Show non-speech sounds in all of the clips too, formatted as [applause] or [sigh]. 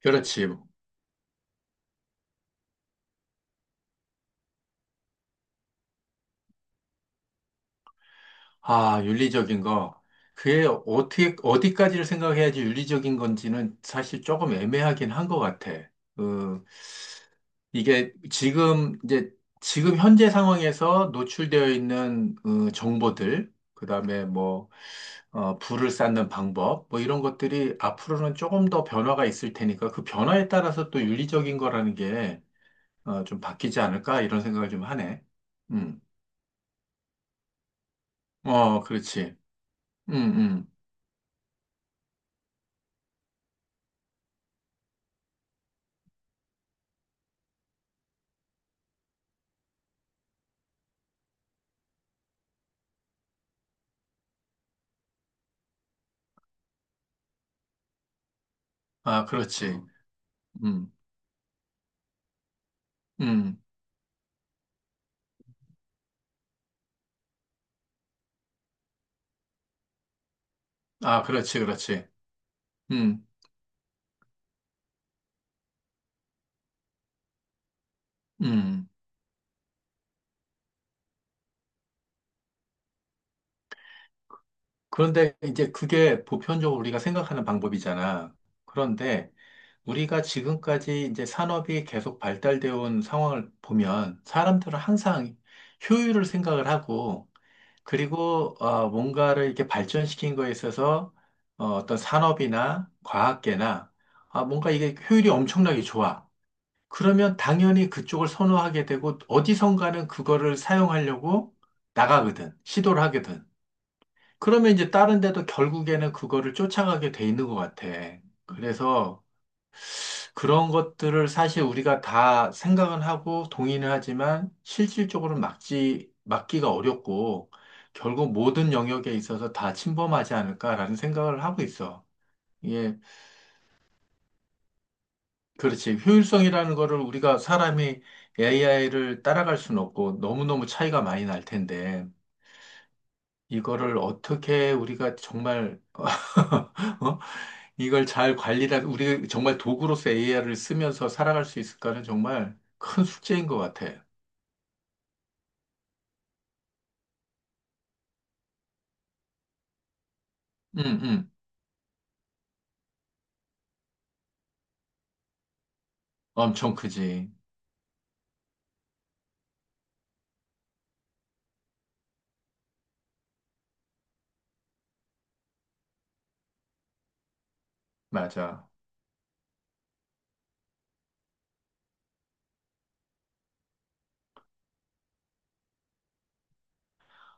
그렇지. 아, 윤리적인 거. 그게 어떻게, 어디까지를 생각해야지 윤리적인 건지는 사실 조금 애매하긴 한 것 같아. 이게 지금, 이제, 지금 현재 상황에서 노출되어 있는 정보들, 그 다음에 뭐, 불을 쌓는 방법, 뭐 이런 것들이 앞으로는 조금 더 변화가 있을 테니까 그 변화에 따라서 또 윤리적인 거라는 게 좀 바뀌지 않을까 이런 생각을 좀 하네. 음. 어, 그렇지. 음, 음. 아, 그렇지. 어, 음, 음. 아, 그렇지, 그렇지. 음, 음. 그런데 이제 그게 보편적으로 우리가 생각하는 방법이잖아. 그런데 우리가 지금까지 이제 산업이 계속 발달되어 온 상황을 보면 사람들은 항상 효율을 생각을 하고, 그리고 뭔가를 이렇게 발전시킨 거에 있어서 어떤 산업이나 과학계나 뭔가 이게 효율이 엄청나게 좋아. 그러면 당연히 그쪽을 선호하게 되고 어디선가는 그거를 사용하려고 나가거든. 시도를 하거든. 그러면 이제 다른 데도 결국에는 그거를 쫓아가게 돼 있는 것 같아. 그래서 그런 것들을 사실 우리가 다 생각은 하고 동의는 하지만 실질적으로 막기가 어렵고 결국 모든 영역에 있어서 다 침범하지 않을까라는 생각을 하고 있어. 이게 그렇지. 효율성이라는 거를 우리가 사람이 AI를 따라갈 수는 없고 너무너무 차이가 많이 날 텐데 이거를 어떻게 우리가 정말 [laughs] 어? 이걸 잘 관리를 우리 정말 도구로서 AI를 쓰면서 살아갈 수 있을까는 정말 큰 숙제인 것 같아. 응, 응. 엄청 크지. 맞아.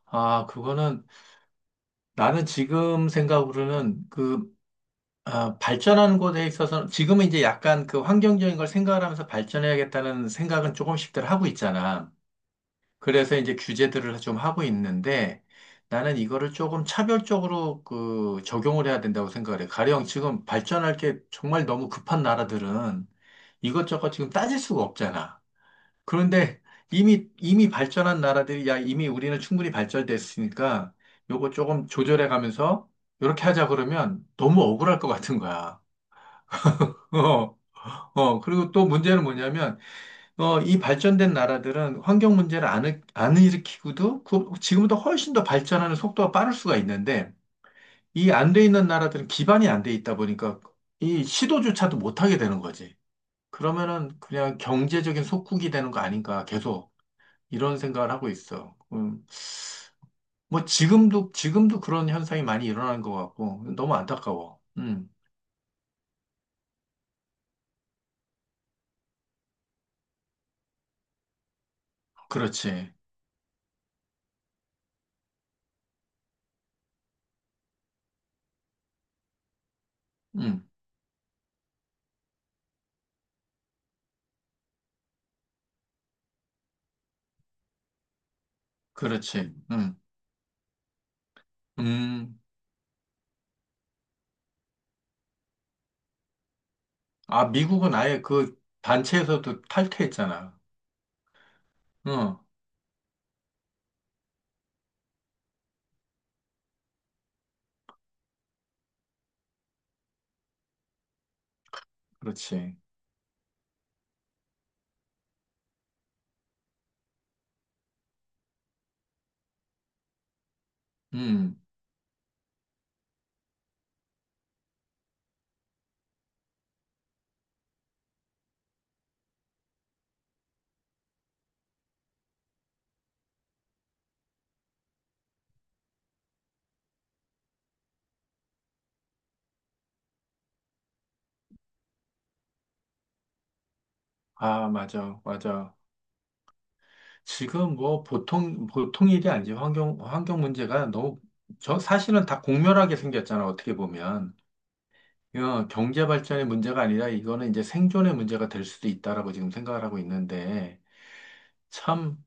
아, 그거는 나는 지금 생각으로는 발전하는 곳에 있어서는 지금은 이제 약간 그 환경적인 걸 생각을 하면서 발전해야겠다는 생각은 조금씩들 하고 있잖아. 그래서 이제 규제들을 좀 하고 있는데 나는 이거를 조금 차별적으로 그 적용을 해야 된다고 생각을 해. 가령 지금 발전할 게 정말 너무 급한 나라들은 이것저것 지금 따질 수가 없잖아. 그런데 이미 발전한 나라들이 야, 이미 우리는 충분히 발전됐으니까 요거 조금 조절해 가면서 이렇게 하자 그러면 너무 억울할 것 같은 거야. 어, 그리고 또 문제는 뭐냐면, 이 발전된 나라들은 환경 문제를 안 일으키고도 그, 지금보다 훨씬 더 발전하는 속도가 빠를 수가 있는데, 이 안 돼 있는 나라들은 기반이 안 돼 있다 보니까 이 시도조차도 못하게 되는 거지. 그러면은 그냥 경제적인 속국이 되는 거 아닌가 계속 이런 생각을 하고 있어. 뭐 지금도 그런 현상이 많이 일어나는 것 같고, 너무 안타까워. 그렇지. 음, 그렇지. 음. 아, 미국은 아예 그 단체에서도 탈퇴했잖아. 응, 그렇지. 음, 아, 맞아, 맞아. 지금 뭐 보통 일이 아니지. 환경 문제가 너무, 저 사실은 다 공멸하게 생겼잖아, 어떻게 보면. 경제 발전의 문제가 아니라 이거는 이제 생존의 문제가 될 수도 있다라고 지금 생각을 하고 있는데, 참,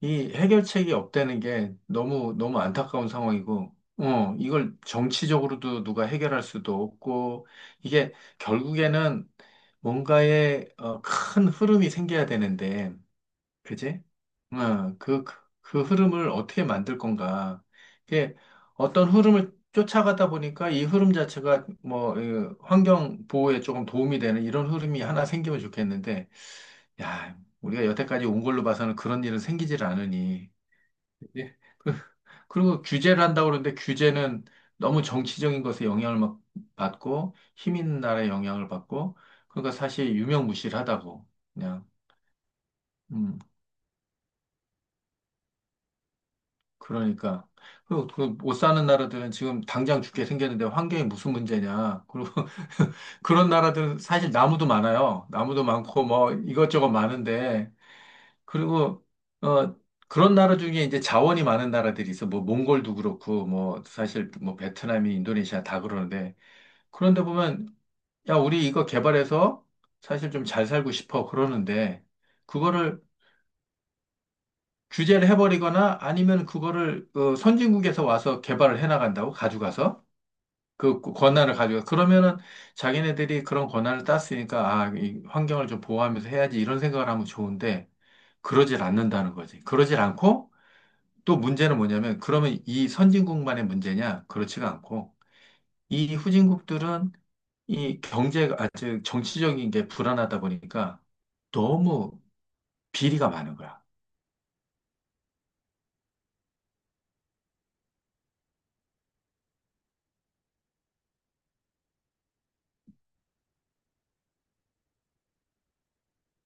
이 해결책이 없다는 게 너무 안타까운 상황이고, 이걸 정치적으로도 누가 해결할 수도 없고, 이게 결국에는 뭔가의 큰 흐름이 생겨야 되는데, 그지? 어, 그, 그, 그 흐름을 어떻게 만들 건가. 이게 어떤 흐름을 쫓아가다 보니까 이 흐름 자체가 뭐, 환경 보호에 조금 도움이 되는 이런 흐름이 하나 생기면 좋겠는데, 야, 우리가 여태까지 온 걸로 봐서는 그런 일은 생기질 않으니. 예. 그리고 규제를 한다고 그러는데 규제는 너무 정치적인 것에 영향을 막 받고 힘 있는 나라에 영향을 받고 그러니까 사실 유명무실하다고. 그냥 음 그러니까 그리고 그못 사는 나라들은 지금 당장 죽게 생겼는데 환경이 무슨 문제냐 그리고 [laughs] 그런 나라들은 사실 나무도 많아요 나무도 많고 뭐 이것저것 많은데 그리고 어 그런 나라 중에 이제 자원이 많은 나라들이 있어. 뭐 몽골도 그렇고 뭐 사실 뭐 베트남이 인도네시아 다 그러는데 그런데 보면 야 우리 이거 개발해서 사실 좀 잘 살고 싶어 그러는데 그거를 규제를 해버리거나 아니면 그거를 선진국에서 와서 개발을 해나간다고 가져가서 그 권한을 가져가 그러면은 자기네들이 그런 권한을 땄으니까 아, 이 환경을 좀 보호하면서 해야지 이런 생각을 하면 좋은데 그러질 않는다는 거지. 그러질 않고 또 문제는 뭐냐면, 그러면 이 선진국만의 문제냐? 그렇지가 않고, 이 후진국들은 이 경제가, 아, 즉, 정치적인 게 불안하다 보니까 너무 비리가 많은 거야.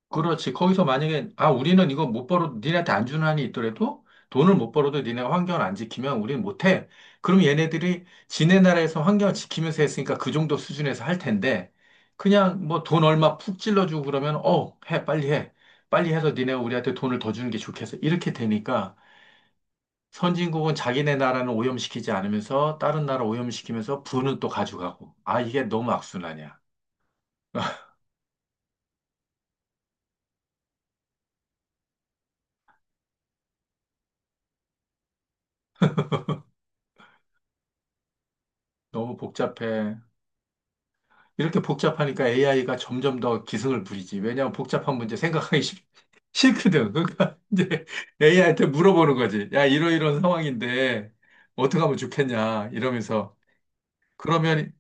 그렇지. 거기서 만약에, 아, 우리는 이거 못 벌어도, 니네한테 안 주는 한이 있더라도 돈을 못 벌어도 니네가 환경을 안 지키면 우리는 못 해. 그럼 얘네들이 지네 나라에서 환경을 지키면서 했으니까 그 정도 수준에서 할 텐데, 그냥 뭐 돈 얼마 푹 찔러주고 그러면, 빨리 해. 빨리 해서 니네가 우리한테 돈을 더 주는 게 좋겠어. 이렇게 되니까 선진국은 자기네 나라는 오염시키지 않으면서 다른 나라 오염시키면서 부는 또 가져가고. 아, 이게 너무 악순환이야. [laughs] 너무 복잡해. 이렇게 복잡하니까 AI가 점점 더 기승을 부리지. 왜냐하면 복잡한 문제 싫거든. 그러니까 [laughs] 이제 AI한테 물어보는 거지. 야, 이러이러한 상황인데 어떻게 하면 좋겠냐 이러면서 그러면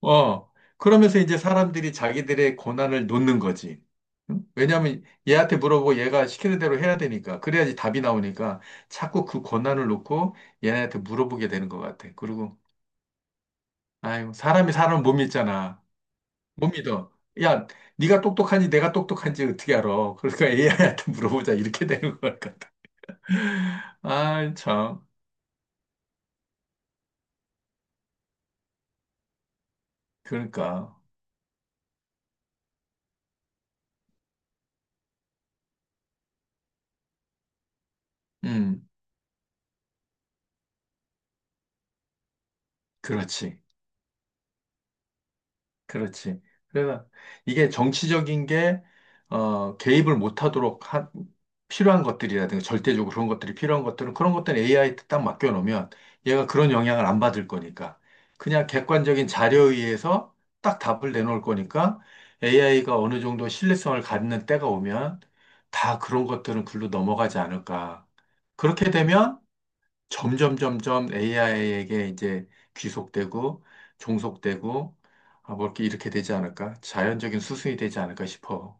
어 그러면서 이제 사람들이 자기들의 고난을 놓는 거지. 응? 왜냐하면 얘한테 물어보고 얘가 시키는 대로 해야 되니까 그래야지 답이 나오니까 자꾸 그 고난을 놓고 얘네한테 물어보게 되는 것 같아. 그리고 아유 사람이 사람 못 믿잖아. 못 믿어. 야, 네가 똑똑하니 내가 똑똑한지 어떻게 알아? 그러니까 AI한테 물어보자. 이렇게 되는 것 같다. [laughs] 아, 참. 그러니까. 음, 그렇지. 그렇지. 그래서 이게 정치적인 게, 개입을 못하도록 한, 필요한 것들이라든가 절대적으로 그런 것들이 필요한 것들은 그런 것들은 AI 딱 맡겨놓으면 얘가 그런 영향을 안 받을 거니까 그냥 객관적인 자료에 의해서 딱 답을 내놓을 거니까 AI가 어느 정도 신뢰성을 갖는 때가 오면 다 그런 것들은 글로 넘어가지 않을까. 그렇게 되면 점점 점점 AI에게 이제 귀속되고 종속되고 아, 뭐 이렇게 이렇게 되지 않을까? 자연적인 수순이 되지 않을까 싶어.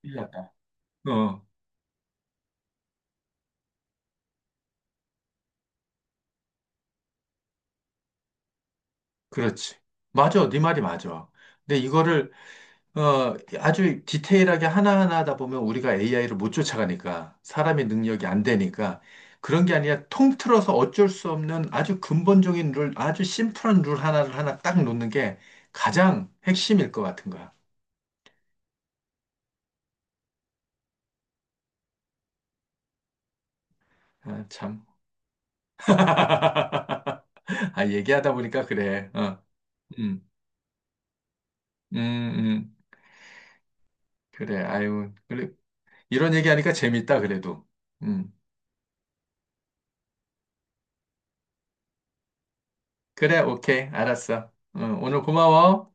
큰일 났다. 어, 그렇지. 맞아. 네 말이 맞아. 근데 이거를 아주 디테일하게 하나하나 하다 보면 우리가 AI를 못 쫓아가니까 사람의 능력이 안 되니까 그런 게 아니라 통틀어서 어쩔 수 없는 아주 근본적인 룰, 아주 심플한 룰 하나 딱 놓는 게 가장 핵심일 것 같은 거야. 아, 참. [laughs] 아, 얘기하다 보니까 그래. 어. 음, 음, 음. 그래. 아유. 그래. 이런 얘기하니까 재밌다, 그래도. 음. 그래, 오케이. 알았어. 어, 오늘 고마워.